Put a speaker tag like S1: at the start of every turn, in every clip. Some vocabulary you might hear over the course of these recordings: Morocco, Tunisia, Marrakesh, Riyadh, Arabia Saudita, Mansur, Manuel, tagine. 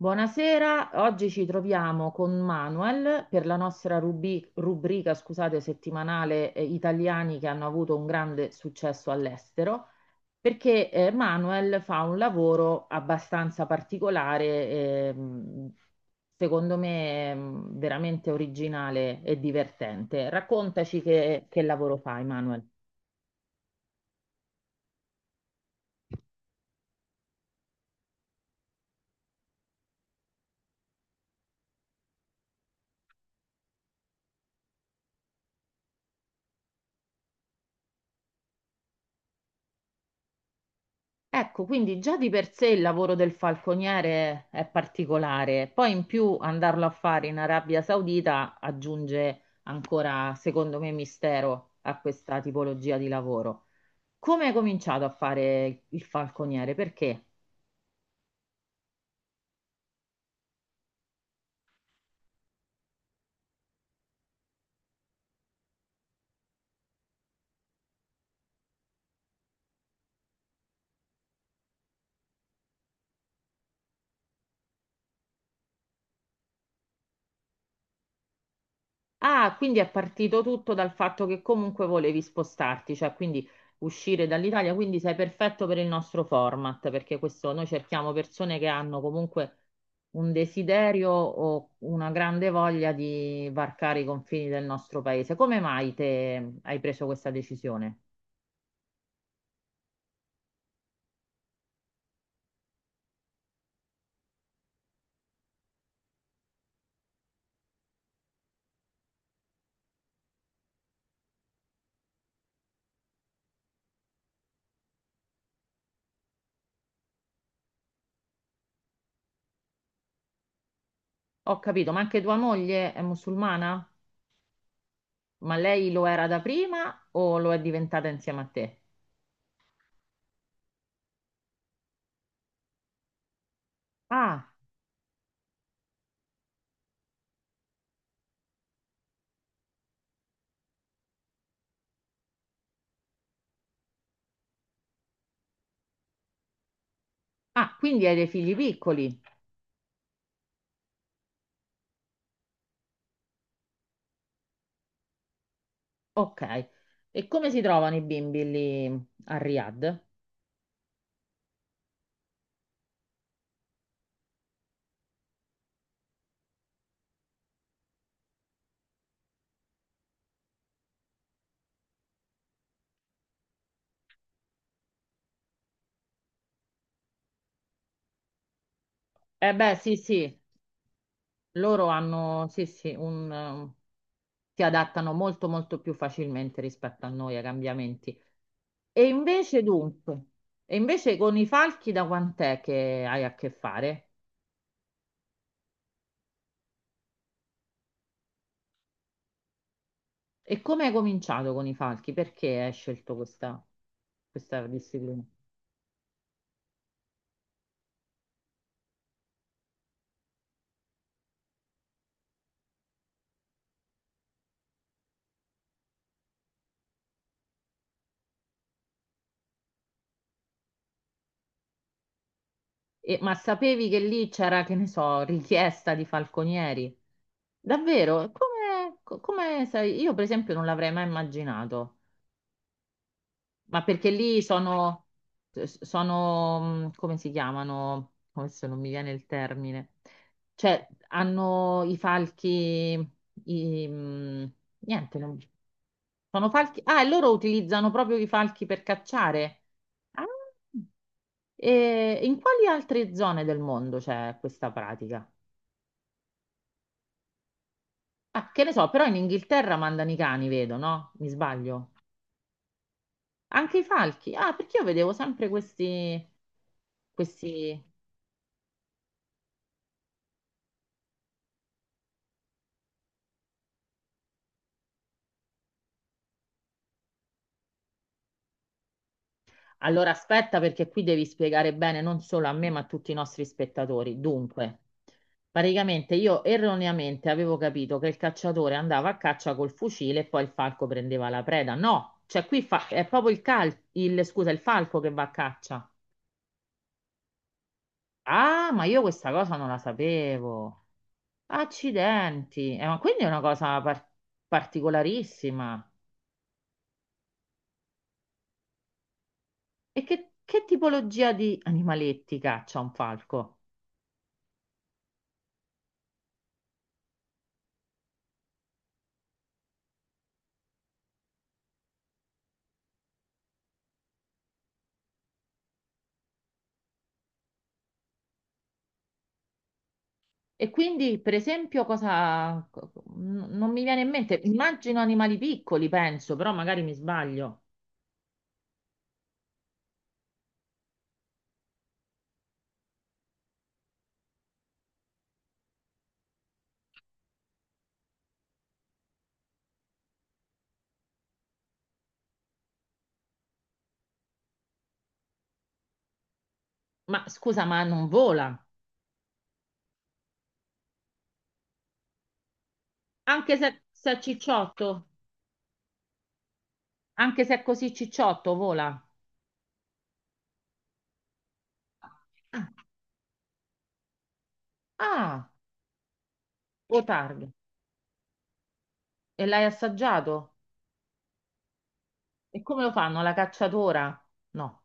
S1: Buonasera, oggi ci troviamo con Manuel per la nostra rubrica, scusate, settimanale, Italiani che hanno avuto un grande successo all'estero, perché, Manuel fa un lavoro abbastanza particolare, ehm, secondo me veramente originale e divertente. Raccontaci che lavoro fai, Manuel. Ecco, quindi già di per sé il lavoro del falconiere è particolare, poi in più andarlo a fare in Arabia Saudita aggiunge ancora, secondo me, mistero a questa tipologia di lavoro. Come hai cominciato a fare il falconiere? Perché? Ah, quindi è partito tutto dal fatto che comunque volevi spostarti, cioè quindi uscire dall'Italia, quindi sei perfetto per il nostro format, perché questo noi cerchiamo persone che hanno comunque un desiderio o una grande voglia di varcare i confini del nostro paese. Come mai te hai preso questa decisione? Ho capito, ma anche tua moglie è musulmana? Ma lei lo era da prima o lo è diventata insieme a te? Ah, ah, quindi hai dei figli piccoli. Ok, e come si trovano i bimbi lì a Riyadh? Eh beh, sì, sì, loro hanno, sì, sì, un, si adattano molto, molto più facilmente rispetto a noi ai cambiamenti. E invece, dunque, e invece con i falchi da quant'è che hai a che fare? E come hai cominciato con i falchi? Perché hai scelto questa, questa disciplina? E ma sapevi che lì c'era, che ne so, richiesta di falconieri? Davvero? Come, come sai? Io per esempio non l'avrei mai immaginato, ma perché lì sono, sono, come si chiamano? Adesso non mi viene il termine. Cioè, hanno i falchi, i, niente, non sono falchi. Ah, e loro utilizzano proprio i falchi per cacciare. Ah. E in quali altre zone del mondo c'è questa pratica? Ah, che ne so, però in Inghilterra mandano i cani, vedo, no? Mi sbaglio. Anche i falchi. Ah, perché io vedevo sempre questi, questi... Allora aspetta perché qui devi spiegare bene non solo a me ma a tutti i nostri spettatori. Dunque, praticamente io erroneamente avevo capito che il cacciatore andava a caccia col fucile e poi il falco prendeva la preda. No, cioè qui è proprio il scusa, il falco che va a caccia. Ah, ma io questa cosa non la sapevo. Accidenti. Ma quindi è una cosa particolarissima. E che tipologia di animaletti caccia un falco? E quindi, per esempio, cosa... non mi viene in mente. Immagino animali piccoli, penso, però magari mi sbaglio. Ma scusa, ma non vola? Anche se, se è cicciotto? Anche se è così cicciotto, vola? Ah, ah, o targa. E l'hai assaggiato? E come lo fanno? La cacciatora? No.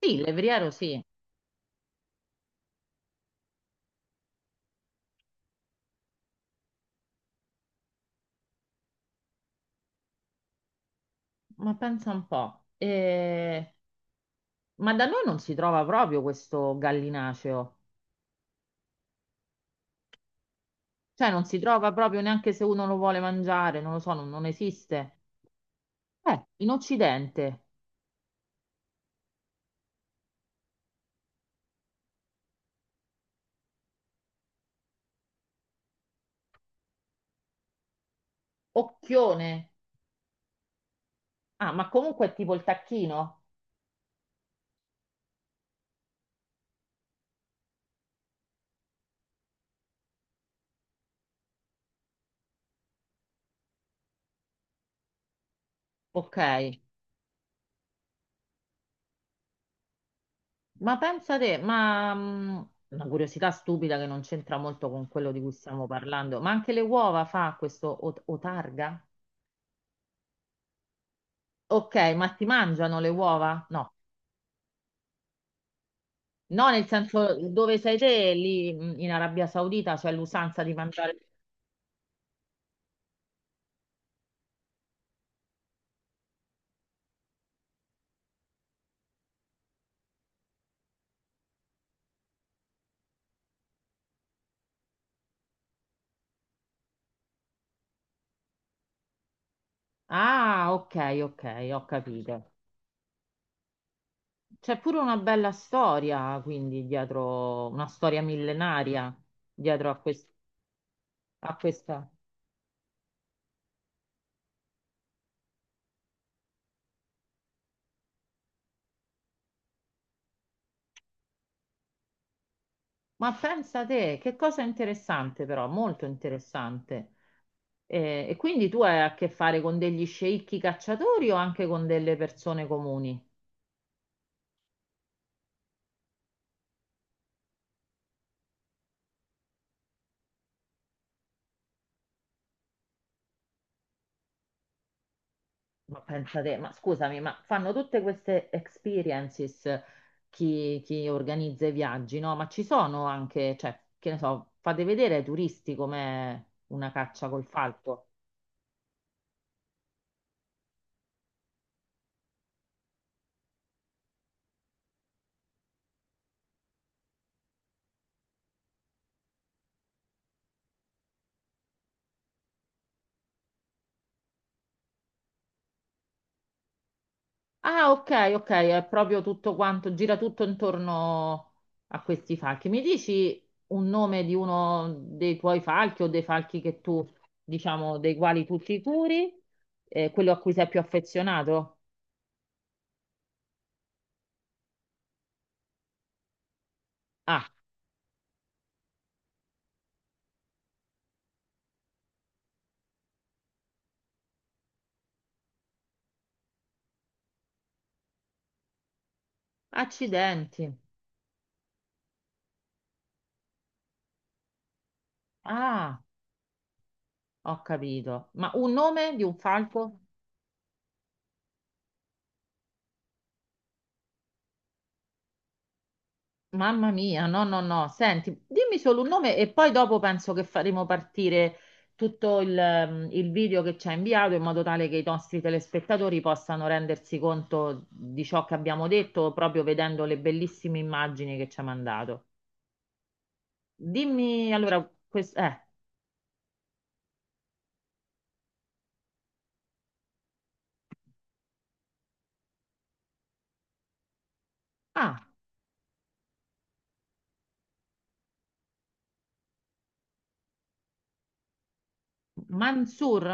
S1: Sì, il levriero sì, ma pensa un po'. Ma da noi non si trova proprio questo gallinaceo. Cioè non si trova proprio neanche se uno lo vuole mangiare, non lo so, non, non esiste. In Occidente, occhione. Ah, ma comunque è tipo il tacchino? Ok. Ma pensa te, ma una curiosità stupida che non c'entra molto con quello di cui stiamo parlando, ma anche le uova fa questo otarga? Ok, ma ti mangiano le uova? No, no, nel senso dove sei te, lì in Arabia Saudita c'è l'usanza di mangiare. Ah, ok, ok, ho capito. C'è pure una bella storia, quindi dietro, una storia millenaria dietro a, a questa. Ma pensa te, che cosa interessante però, molto interessante. E quindi tu hai a che fare con degli sceicchi cacciatori o anche con delle persone comuni? Ma pensate, ma scusami, ma fanno tutte queste experiences chi, chi organizza i viaggi, no? Ma ci sono anche, cioè, che ne so, fate vedere ai turisti com'è una caccia col falco. Ah, ok, ok, è proprio tutto quanto, gira tutto intorno a questi falchi. Mi dici un nome di uno dei tuoi falchi o dei falchi che tu, diciamo, dei quali tu ti curi, quello a cui sei più affezionato? Ah, accidenti. Ah. Ho capito. Ma un nome di un falco? Mamma mia, no, no, no. Senti, dimmi solo un nome e poi dopo penso che faremo partire tutto il video che ci ha inviato in modo tale che i nostri telespettatori possano rendersi conto di ciò che abbiamo detto proprio vedendo le bellissime immagini che ci ha mandato. Dimmi allora, ah, Mansur?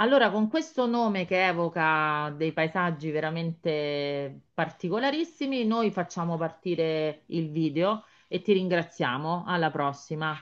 S1: Allora, con questo nome che evoca dei paesaggi veramente particolarissimi, noi facciamo partire il video e ti ringraziamo. Alla prossima.